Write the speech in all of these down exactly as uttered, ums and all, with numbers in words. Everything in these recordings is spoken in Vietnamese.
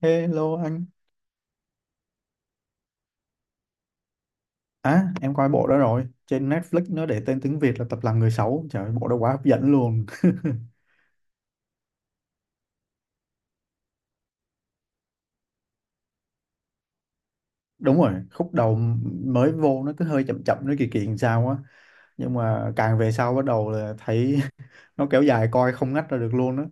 Hello anh. À, em coi bộ đó rồi. Trên Netflix nó để tên tiếng Việt là Tập làm người xấu. Trời ơi, bộ đó quá hấp dẫn luôn. Đúng rồi, khúc đầu mới vô nó cứ hơi chậm chậm, nó kỳ kỳ làm sao á. Nhưng mà càng về sau bắt đầu là thấy nó kéo dài coi không ngắt ra được luôn á.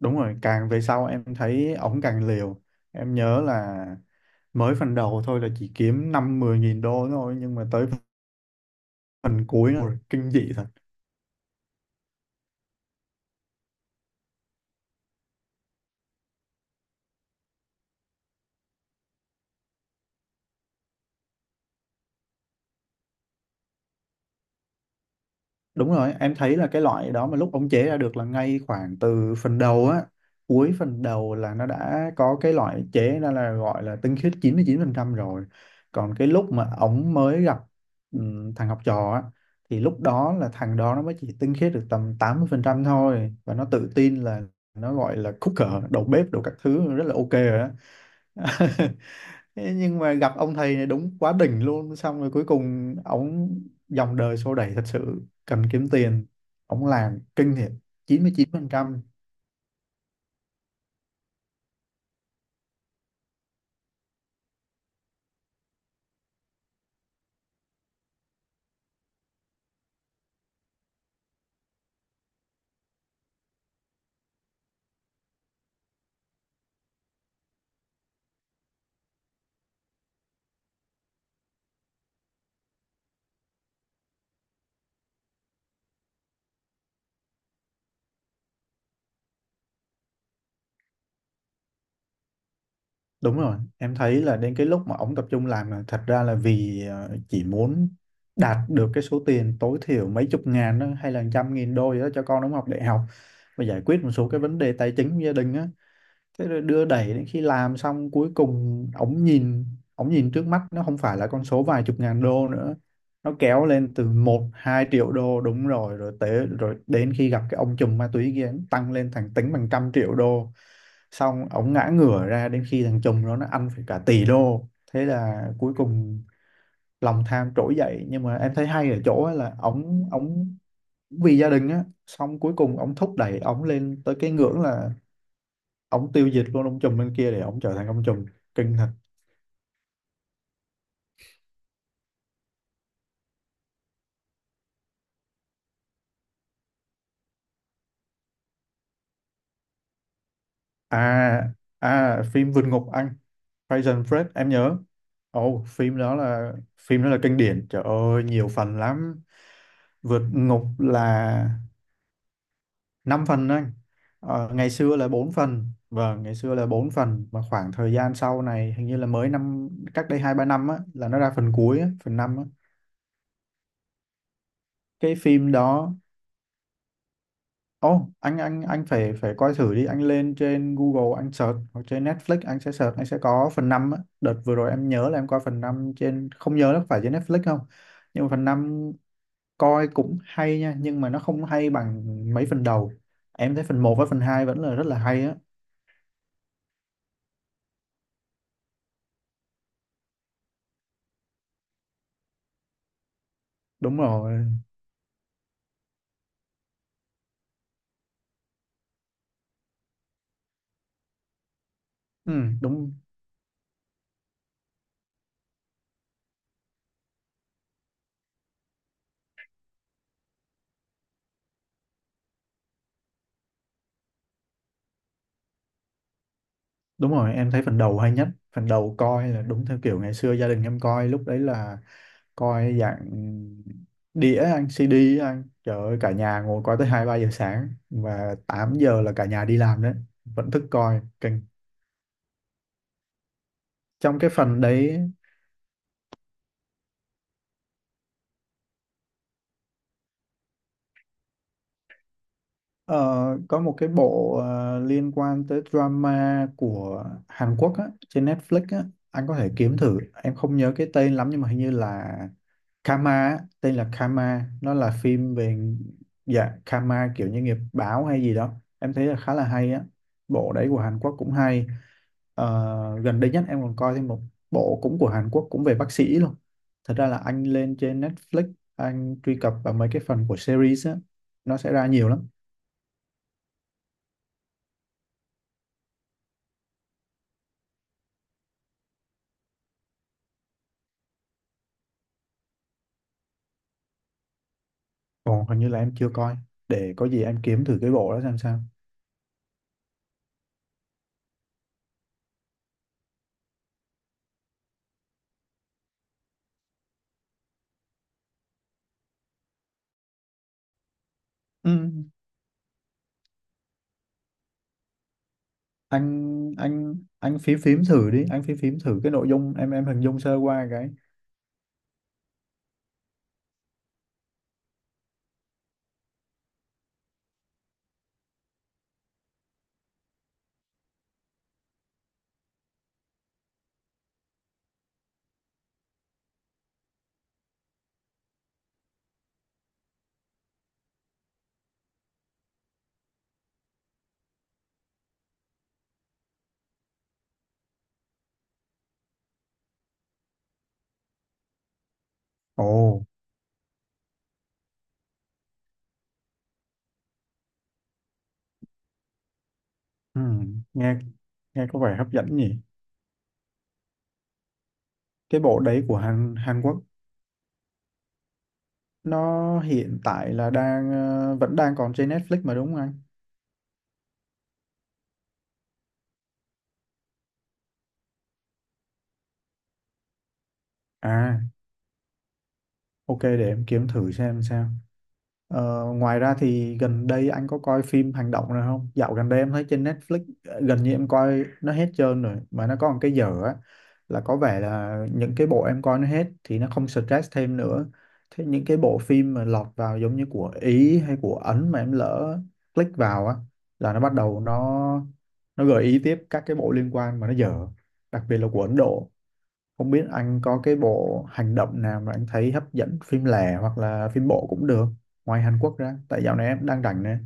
Đúng rồi, càng về sau em thấy ổng càng liều. Em nhớ là mới phần đầu thôi là chỉ kiếm năm mười nghìn đô thôi. Nhưng mà tới phần cuối nó kinh dị thật. Đúng rồi, em thấy là cái loại đó mà lúc ông chế ra được là ngay khoảng từ phần đầu á, cuối phần đầu là nó đã có cái loại chế ra là gọi là tinh khiết chín chín mươi chín phần trăm rồi. Còn cái lúc mà ổng mới gặp ừm, thằng học trò á, thì lúc đó là thằng đó nó mới chỉ tinh khiết được tầm tám mươi phần trăm thôi. Và nó tự tin là nó gọi là cooker, đầu bếp, đồ các thứ rất là ok rồi á. Thế nhưng mà gặp ông thầy này đúng quá đỉnh luôn, xong rồi cuối cùng ông dòng đời xô đẩy thật sự cần kiếm tiền, ông làm kinh thiệt, chín mươi chín phần trăm. Đúng rồi, em thấy là đến cái lúc mà ông tập trung làm là thật ra là vì ờ, chỉ muốn đạt được cái số tiền tối thiểu mấy chục ngàn đó, hay là trăm nghìn đô gì đó cho con ông học đại học và giải quyết một số cái vấn đề tài chính của gia đình á. Thế rồi đưa đẩy đến khi làm xong, cuối cùng ổng nhìn ổng nhìn trước mắt nó không phải là con số vài chục ngàn đô nữa, nó kéo lên từ một hai triệu đô, đúng rồi, rồi tới, rồi đến khi gặp cái ông trùm ma túy kia nó tăng lên thành tính bằng trăm triệu đô. Xong ổng ngã ngửa ra đến khi thằng trùm đó nó ăn phải cả tỷ đô. Thế là cuối cùng lòng tham trỗi dậy, nhưng mà em thấy hay ở chỗ á là ổng ổng vì gia đình á, xong cuối cùng ổng thúc đẩy ổng lên tới cái ngưỡng là ông tiêu diệt luôn ông trùm bên kia để ông trở thành ông trùm. Kinh thật. À à phim vượt ngục anh, Prison Break em nhớ. Ồ, phim đó là phim đó là kinh điển, trời ơi, nhiều phần lắm. Vượt ngục là năm phần anh. Ờ, ngày xưa là bốn phần, vâng, ngày xưa là bốn phần, mà khoảng thời gian sau này hình như là mới năm. Cách đây hai ba năm á là nó ra phần cuối á, phần năm á. Cái phim đó, ồ, anh anh anh phải phải coi thử đi, anh lên trên Google anh search, hoặc trên Netflix anh sẽ search anh sẽ có phần năm á. Đợt vừa rồi em nhớ là em coi phần năm trên, không nhớ nó phải trên Netflix không. Nhưng mà phần năm coi cũng hay nha, nhưng mà nó không hay bằng mấy phần đầu. Em thấy phần một với phần hai vẫn là rất là hay á. Đúng rồi. Ừ, đúng đúng rồi, em thấy phần đầu hay nhất. Phần đầu coi là đúng theo kiểu ngày xưa gia đình em coi, lúc đấy là coi dạng đĩa anh, xê đê anh, trời ơi, cả nhà ngồi coi tới hai ba giờ sáng và tám giờ là cả nhà đi làm đấy, vẫn thức coi kinh. Trong cái phần đấy, ờ, có một cái bộ ờ, liên quan tới drama của Hàn Quốc á, trên Netflix á, anh có thể kiếm thử. Em không nhớ cái tên lắm nhưng mà hình như là Karma á, tên là Karma, nó là phim về, dạ, Karma kiểu như nghiệp báo hay gì đó. Em thấy là khá là hay á, bộ đấy của Hàn Quốc cũng hay. Ờ, gần đây nhất em còn coi thêm một bộ cũng của Hàn Quốc cũng về bác sĩ luôn. Thật ra là anh lên trên Netflix anh truy cập vào mấy cái phần của series á, nó sẽ ra nhiều lắm. Còn hình như là em chưa coi, để có gì em kiếm thử cái bộ đó xem sao. Ừ. anh anh anh phím phím thử đi, anh phím phím thử cái nội dung, em em hình dung sơ qua cái. Ồ. Ừ, nghe nghe có vẻ hấp dẫn nhỉ. Cái bộ đấy của Hàn Hàn Quốc nó hiện tại là đang, ờ, vẫn đang còn trên Netflix mà đúng không anh? À, ok, để em kiếm thử xem sao. Ờ, ngoài ra thì gần đây anh có coi phim hành động nào không? Dạo gần đây em thấy trên Netflix, ờ, gần như em coi nó hết trơn rồi, mà nó có một cái dở á, là có vẻ là những cái bộ em coi nó hết thì nó không stress thêm nữa. Thế những cái bộ phim mà lọt vào giống như của Ý hay của Ấn mà em lỡ click vào á, là nó bắt đầu nó nó gợi ý tiếp các cái bộ liên quan mà nó dở, đặc biệt là của Ấn Độ. Không biết anh có cái bộ hành động nào mà anh thấy hấp dẫn, phim lẻ hoặc là phim bộ cũng được, ngoài Hàn Quốc ra, tại dạo này em đang rảnh nè.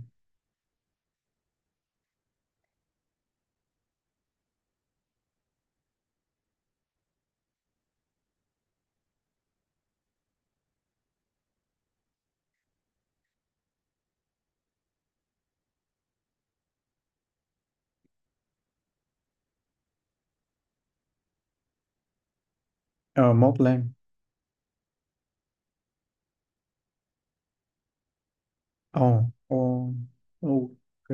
Ờ mốt lên. Ồ. Ồ, ok.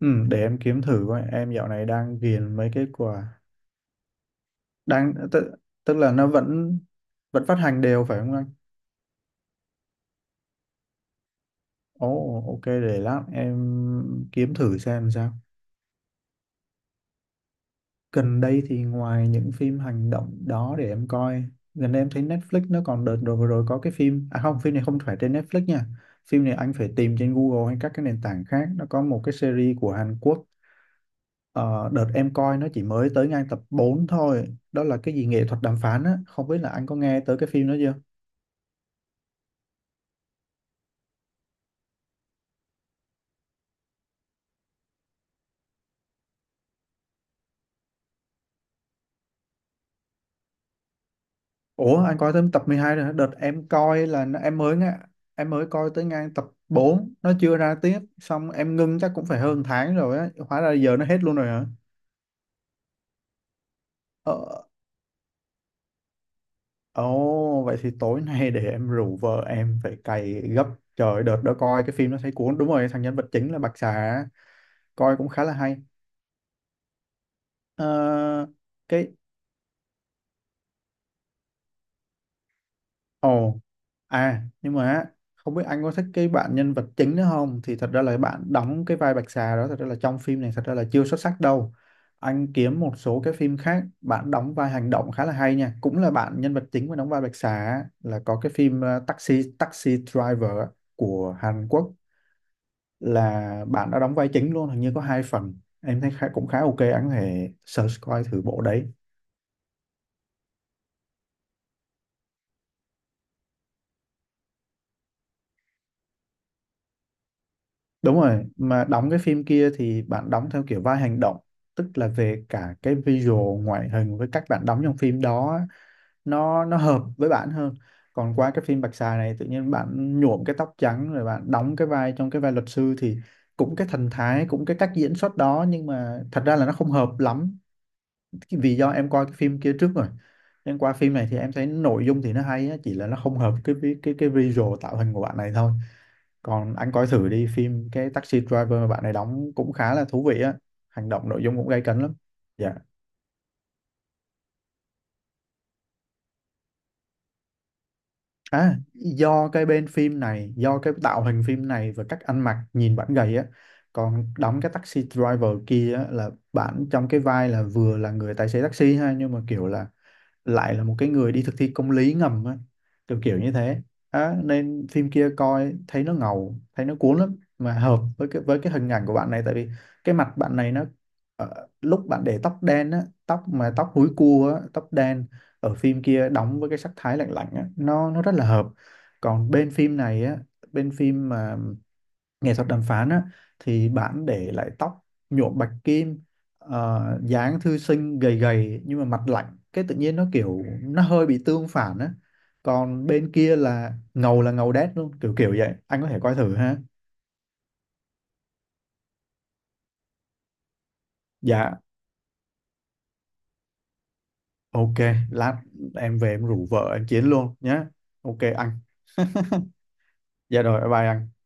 Ừ, để em kiếm thử coi, em dạo này đang ghiền mấy cái của. Đang tức, tức, là nó vẫn vẫn phát hành đều phải không anh? Ồ, ok, để lát em kiếm thử xem sao. Gần đây thì ngoài những phim hành động đó, để em coi, gần đây em thấy Netflix nó còn, đợt rồi vừa rồi có cái phim, à không, phim này không phải trên Netflix nha, phim này anh phải tìm trên Google hay các cái nền tảng khác. Nó có một cái series của Hàn Quốc. Ờ, đợt em coi nó chỉ mới tới ngang tập bốn thôi, đó là cái gì nghệ thuật đàm phán á, không biết là anh có nghe tới cái phim đó chưa. Ủa, anh coi tới tập mười hai rồi hả? Đợt em coi là nó- em mới nghe, em mới coi tới ngang tập bốn, nó chưa ra tiếp xong em ngưng, chắc cũng phải hơn tháng rồi á, hóa ra giờ nó hết luôn rồi hả. Ờ. Ồ, vậy thì tối nay để em rủ vợ em phải cày gấp. Trời ơi, đợt đó coi cái phim nó thấy cuốn, đúng rồi, thằng nhân vật chính là Bạch Xà á, coi cũng khá là hay. Ờ, cái, ồ, à, nhưng mà á, không biết anh có thích cái bạn nhân vật chính nữa không, thì thật ra là bạn đóng cái vai Bạch Xà đó, thật ra là trong phim này thật ra là chưa xuất sắc đâu. Anh kiếm một số cái phim khác bạn đóng vai hành động khá là hay nha, cũng là bạn nhân vật chính mà đóng vai Bạch Xà á, là có cái phim ờ, Taxi Taxi Driver á, của Hàn Quốc, là bạn đã đóng vai chính luôn, hình như có hai phần. Em thấy khá, cũng khá ok, anh có thể search coi thử bộ đấy. Đúng rồi, mà đóng cái phim kia thì bạn đóng theo kiểu vai hành động, tức là về cả cái visual, ngoại hình với cách bạn đóng trong phim đó á, nó nó hợp với bạn hơn. Còn qua cái phim Bạch Xà này tự nhiên bạn nhuộm cái tóc trắng rồi bạn đóng cái vai, trong cái vai luật sư, thì cũng cái thần thái, cũng cái cách diễn xuất đó, nhưng mà thật ra là nó không hợp lắm. Vì do em coi cái phim kia trước rồi, em qua phim này thì em thấy nội dung thì nó hay á, chỉ là nó không hợp cái vi- cái cái visual tạo hình của bạn này thôi. Còn anh coi thử đi phim cái Taxi Driver mà bạn này đóng cũng khá là thú vị á, hành động nội dung cũng gay cấn lắm. Dạ. À, do cái bên phim này, do cái tạo hình phim này và cách ăn mặc nhìn bạn gầy á. Còn đóng cái Taxi Driver kia á, là bạn trong cái vai là vừa là người tài xế taxi ha, nhưng mà kiểu là lại là một cái người đi thực thi công lý ngầm á, kiểu kiểu như thế. Đó, nên phim kia coi thấy nó ngầu, thấy nó cuốn lắm, mà hợp với cái với cái hình ảnh của bạn này, tại vì cái mặt bạn này nó, ờ, lúc bạn để tóc đen á, tóc mà tóc húi cua á, tóc đen ở phim kia đóng với cái sắc thái lạnh lạnh á, nó nó rất là hợp. Còn bên phim này á, bên phim mà nghệ thuật đàm phán á, thì bạn để lại tóc nhuộm bạch kim, ờ, dáng thư sinh gầy gầy, nhưng mà mặt lạnh cái tự nhiên nó kiểu nó hơi bị tương phản á. Còn bên kia là ngầu, là ngầu đét luôn, kiểu kiểu vậy anh có thể coi thử ha. Dạ, ok, lát em về em rủ vợ em chiến luôn nhé. Ok anh, dạ rồi, bye bye anh.